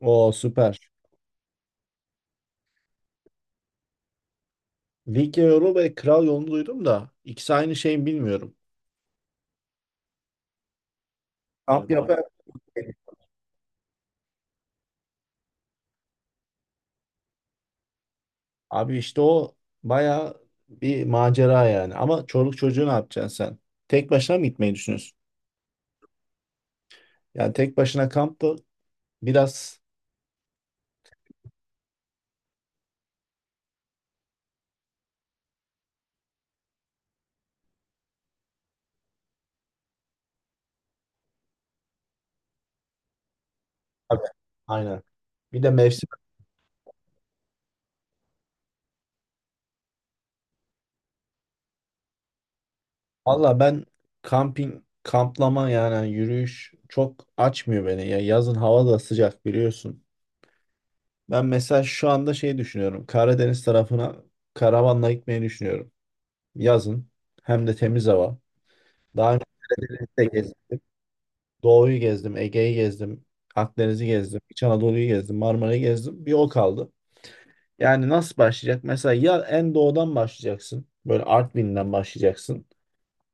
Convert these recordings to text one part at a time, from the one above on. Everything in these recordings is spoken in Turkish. O süper. Lig yolu ve kral yolunu duydum da ikisi aynı şey mi bilmiyorum. Kamp galiba yapar. Abi işte o baya bir macera yani. Ama çoluk çocuğu ne yapacaksın sen? Tek başına mı gitmeyi düşünüyorsun? Yani tek başına kamp da biraz. Tabii. Aynen. Bir de mevsim. Valla ben kamping, kamplama yani hani yürüyüş çok açmıyor beni. Ya yazın hava da sıcak biliyorsun. Ben mesela şu anda şey düşünüyorum. Karadeniz tarafına karavanla gitmeyi düşünüyorum. Yazın. Hem de temiz hava. Daha önce Karadeniz'de gezdim. Doğu'yu gezdim, Ege'yi gezdim, Akdeniz'i gezdim, İç Anadolu'yu gezdim, Marmara'yı gezdim. Bir o kaldı. Yani nasıl başlayacak? Mesela ya en doğudan başlayacaksın. Böyle Artvin'den başlayacaksın.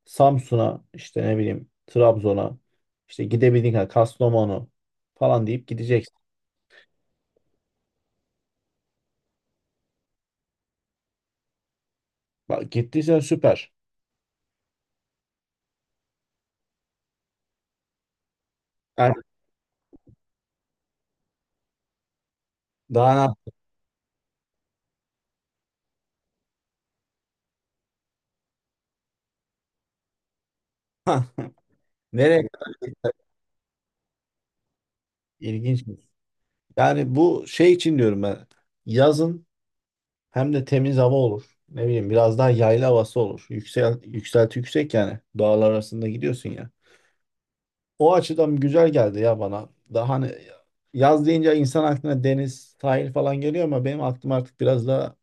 Samsun'a, işte ne bileyim, Trabzon'a, işte gidebildiğin kadar Kastamonu falan deyip gideceksin. Bak gittiysen süper. Yani daha ne- Nereye? İlginç. Yani bu şey için diyorum ben. Yazın. Hem de temiz hava olur. Ne bileyim biraz daha yayla havası olur. Yükselti yüksek yani. Dağlar arasında gidiyorsun ya. O açıdan güzel geldi ya bana. Daha hani yaz deyince insan aklına deniz, sahil falan geliyor ama benim aklıma artık biraz daha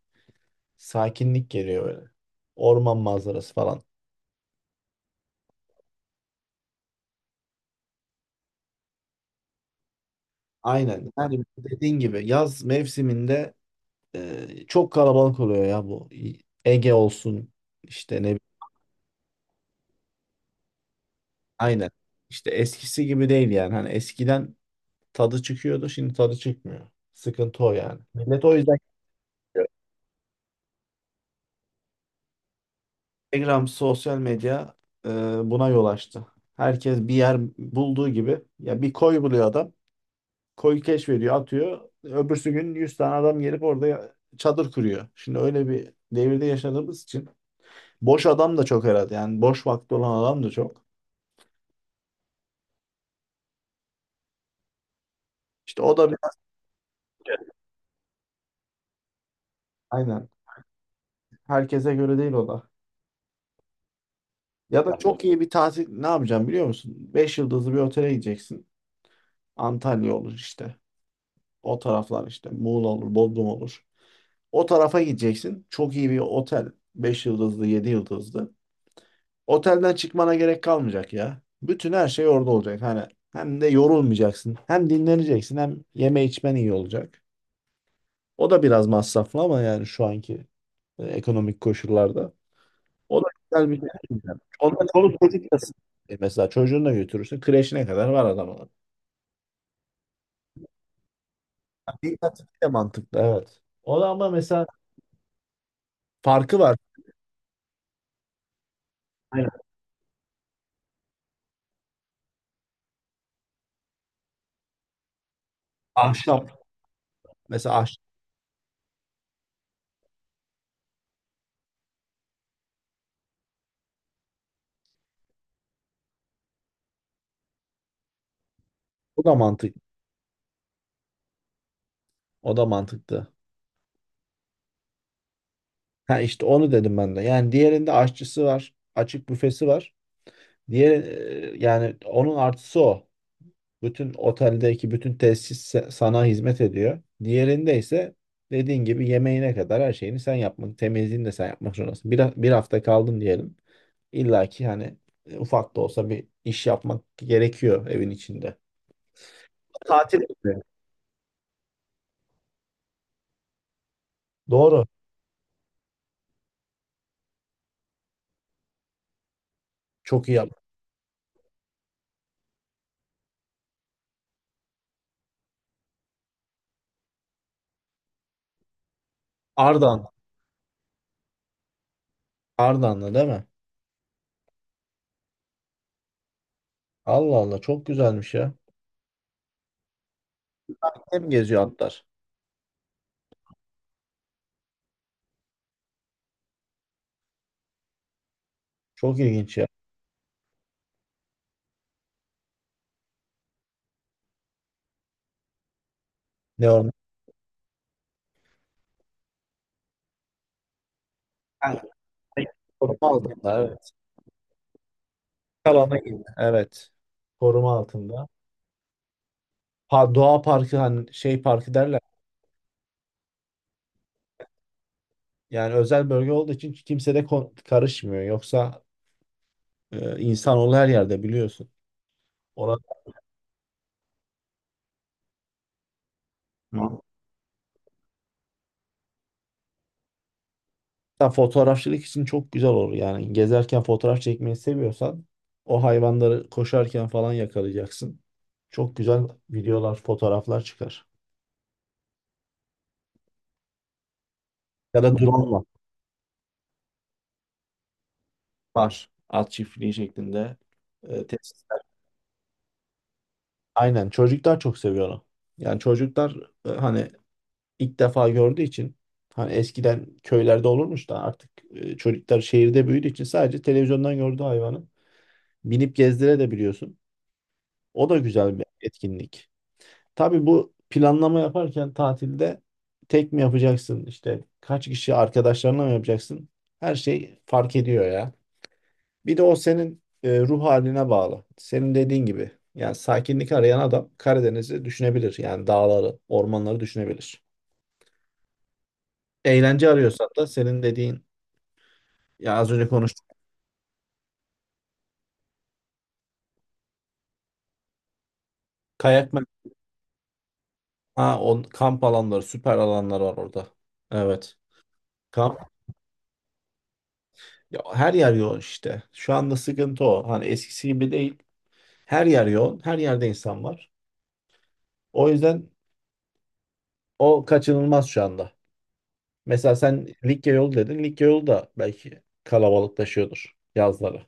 sakinlik geliyor böyle. Orman manzarası falan. Aynen. Yani dediğin gibi yaz mevsiminde çok kalabalık oluyor ya bu. Ege olsun işte ne bileyim. Aynen. İşte eskisi gibi değil yani. Hani eskiden tadı çıkıyordu, şimdi tadı çıkmıyor. Sıkıntı o yani. Millet o yüzden gidiyor. Instagram, sosyal medya e, buna yol açtı. Herkes bir yer bulduğu gibi ya bir koy buluyor adam. Koyu keşfediyor, atıyor. Öbürsü gün 100 tane adam gelip orada çadır kuruyor. Şimdi öyle bir devirde yaşadığımız için boş adam da çok herhalde. Yani boş vakti olan adam da çok. İşte o da bir. Aynen. Herkese göre değil o da. Ya da çok iyi bir tatil ne yapacağım biliyor musun? 5 yıldızlı bir otele gideceksin. Antalya olur işte. O taraflar işte Muğla olur, Bodrum olur. O tarafa gideceksin. Çok iyi bir otel, 5 yıldızlı, 7 yıldızlı. Otelden çıkmana gerek kalmayacak ya. Bütün her şey orada olacak. Hani hem de yorulmayacaksın. Hem dinleneceksin hem yeme içmen iyi olacak. O da biraz masraflı ama yani şu anki ekonomik koşullarda. O da güzel bir şey. Ondan çoluk çocuk da mesela çocuğunu da götürürsün. Kreşine kadar var adamın. Bir katı bir de mantıklı, evet. O da ama mesela farkı var. Aynen. Ahşap. Mesela aşçı. Bu da mantık. O da mantıklı. Ha işte onu dedim ben de. Yani diğerinde aşçısı var. Açık büfesi var. Diğer yani onun artısı o. Bütün oteldeki bütün tesis sana hizmet ediyor. Diğerinde ise dediğin gibi yemeğine kadar her şeyini sen yapmak, temizliğini de sen yapmak zorundasın. Bir hafta kaldın diyelim. İlla ki hani ufak da olsa bir iş yapmak gerekiyor evin içinde. Tatil gibi. Doğru. Çok iyi yap. Ardahan. Ardahan'la değil mi? Allah Allah çok güzelmiş ya. Hem geziyor atlar. Çok ilginç ya. Ne onlar? Yani koruma altında, evet. Kalana gibi. Evet. Koruma altında. Doğa parkı hani şey parkı derler. Yani özel bölge olduğu için kimse de karışmıyor. Yoksa insanoğlu her yerde biliyorsun. Orada. Hatta fotoğrafçılık için çok güzel olur. Yani gezerken fotoğraf çekmeyi seviyorsan o hayvanları koşarken falan yakalayacaksın. Çok güzel videolar, fotoğraflar çıkar. Ya da drone. Var. At çiftliği şeklinde. Tesisler. Aynen. Çocuklar çok seviyor onu. Yani çocuklar hani ilk defa gördüğü için hani eskiden köylerde olurmuş da artık çocuklar şehirde büyüdüğü için sadece televizyondan gördüğü hayvanı binip gezdire de biliyorsun. O da güzel bir etkinlik. Tabii bu planlama yaparken tatilde tek mi yapacaksın işte kaç kişi arkadaşlarına mı yapacaksın? Her şey fark ediyor ya. Bir de o senin ruh haline bağlı. Senin dediğin gibi. Yani sakinlik arayan adam Karadeniz'i düşünebilir. Yani dağları, ormanları düşünebilir. Eğlence arıyorsan da senin dediğin ya az önce konuştuk. Kayak mı? Ha, kamp alanları, süper alanlar var orada. Evet. Kamp. Ya her yer yoğun işte. Şu anda sıkıntı o. Hani eskisi gibi değil. Her yer yoğun. Her yerde insan var. O yüzden o kaçınılmaz şu anda. Mesela sen Likya yolu dedin. Likya yolu da belki kalabalıklaşıyordur yazları.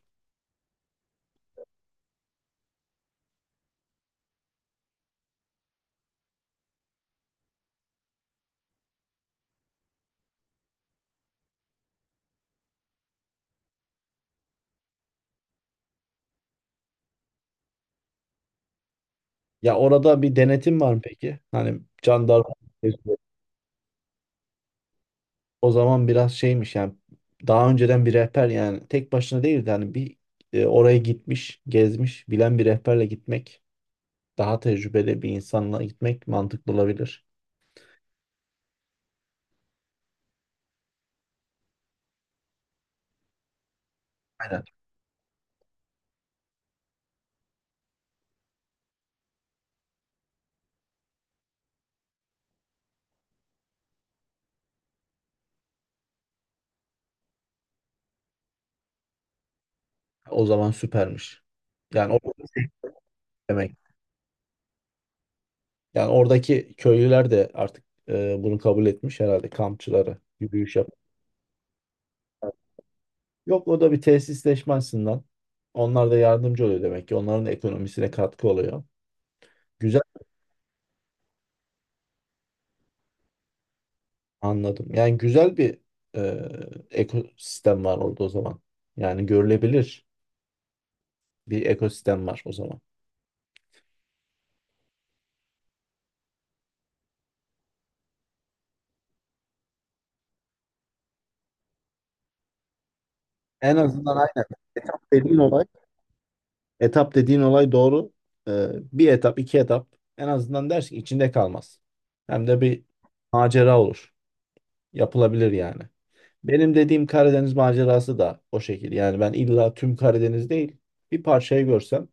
Ya orada bir denetim var mı peki? Hani jandarma o zaman biraz şeymiş yani daha önceden bir rehber yani tek başına değil de hani bir oraya gitmiş, gezmiş, bilen bir rehberle gitmek, daha tecrübeli bir insanla gitmek mantıklı olabilir. Aynen. O zaman süpermiş. Yani o demek. Yani oradaki köylüler de artık bunu kabul etmiş herhalde kampçıları yürüyüş yap. Yok o da bir tesisleşme açısından. Onlar da yardımcı oluyor demek ki. Onların da ekonomisine katkı oluyor. Güzel. Anladım. Yani güzel bir ekosistem var orada o zaman. Yani görülebilir bir ekosistem var o zaman. En azından aynen dediğin olay, etap dediğin olay doğru. E, bir etap, iki etap en azından dersin içinde kalmaz. Hem de bir macera olur. Yapılabilir yani. Benim dediğim Karadeniz macerası da o şekil. Yani ben illa tüm Karadeniz değil, bir parçayı görsem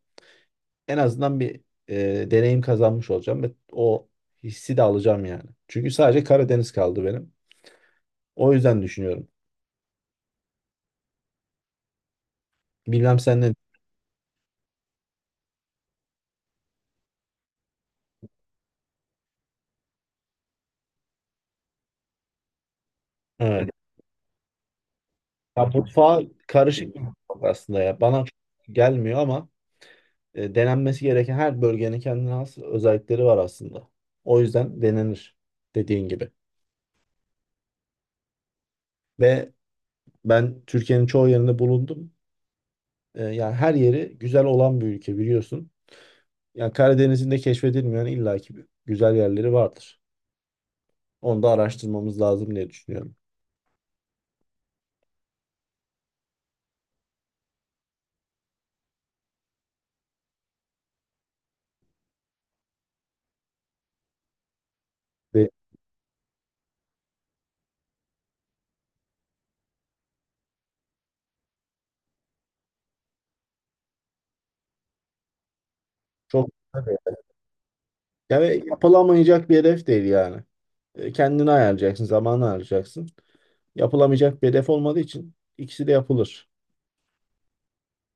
en azından bir deneyim kazanmış olacağım ve o hissi de alacağım yani. Çünkü sadece Karadeniz kaldı benim. O yüzden düşünüyorum. Bilmem sen ne. Evet. Ya mutfağı karışık bir mutfak aslında ya. Bana çok gelmiyor ama denenmesi gereken her bölgenin kendine has özellikleri var aslında. O yüzden denenir dediğin gibi. Ve ben Türkiye'nin çoğu yerinde bulundum. Yani her yeri güzel olan bir ülke biliyorsun. Yani Karadeniz'in de keşfedilmeyen illaki bir güzel yerleri vardır. Onu da araştırmamız lazım diye düşünüyorum. Ve çok tabii. Yani yapılamayacak bir hedef değil yani. Kendini ayarlayacaksın, zamanı ayarlayacaksın. Yapılamayacak bir hedef olmadığı için ikisi de yapılır.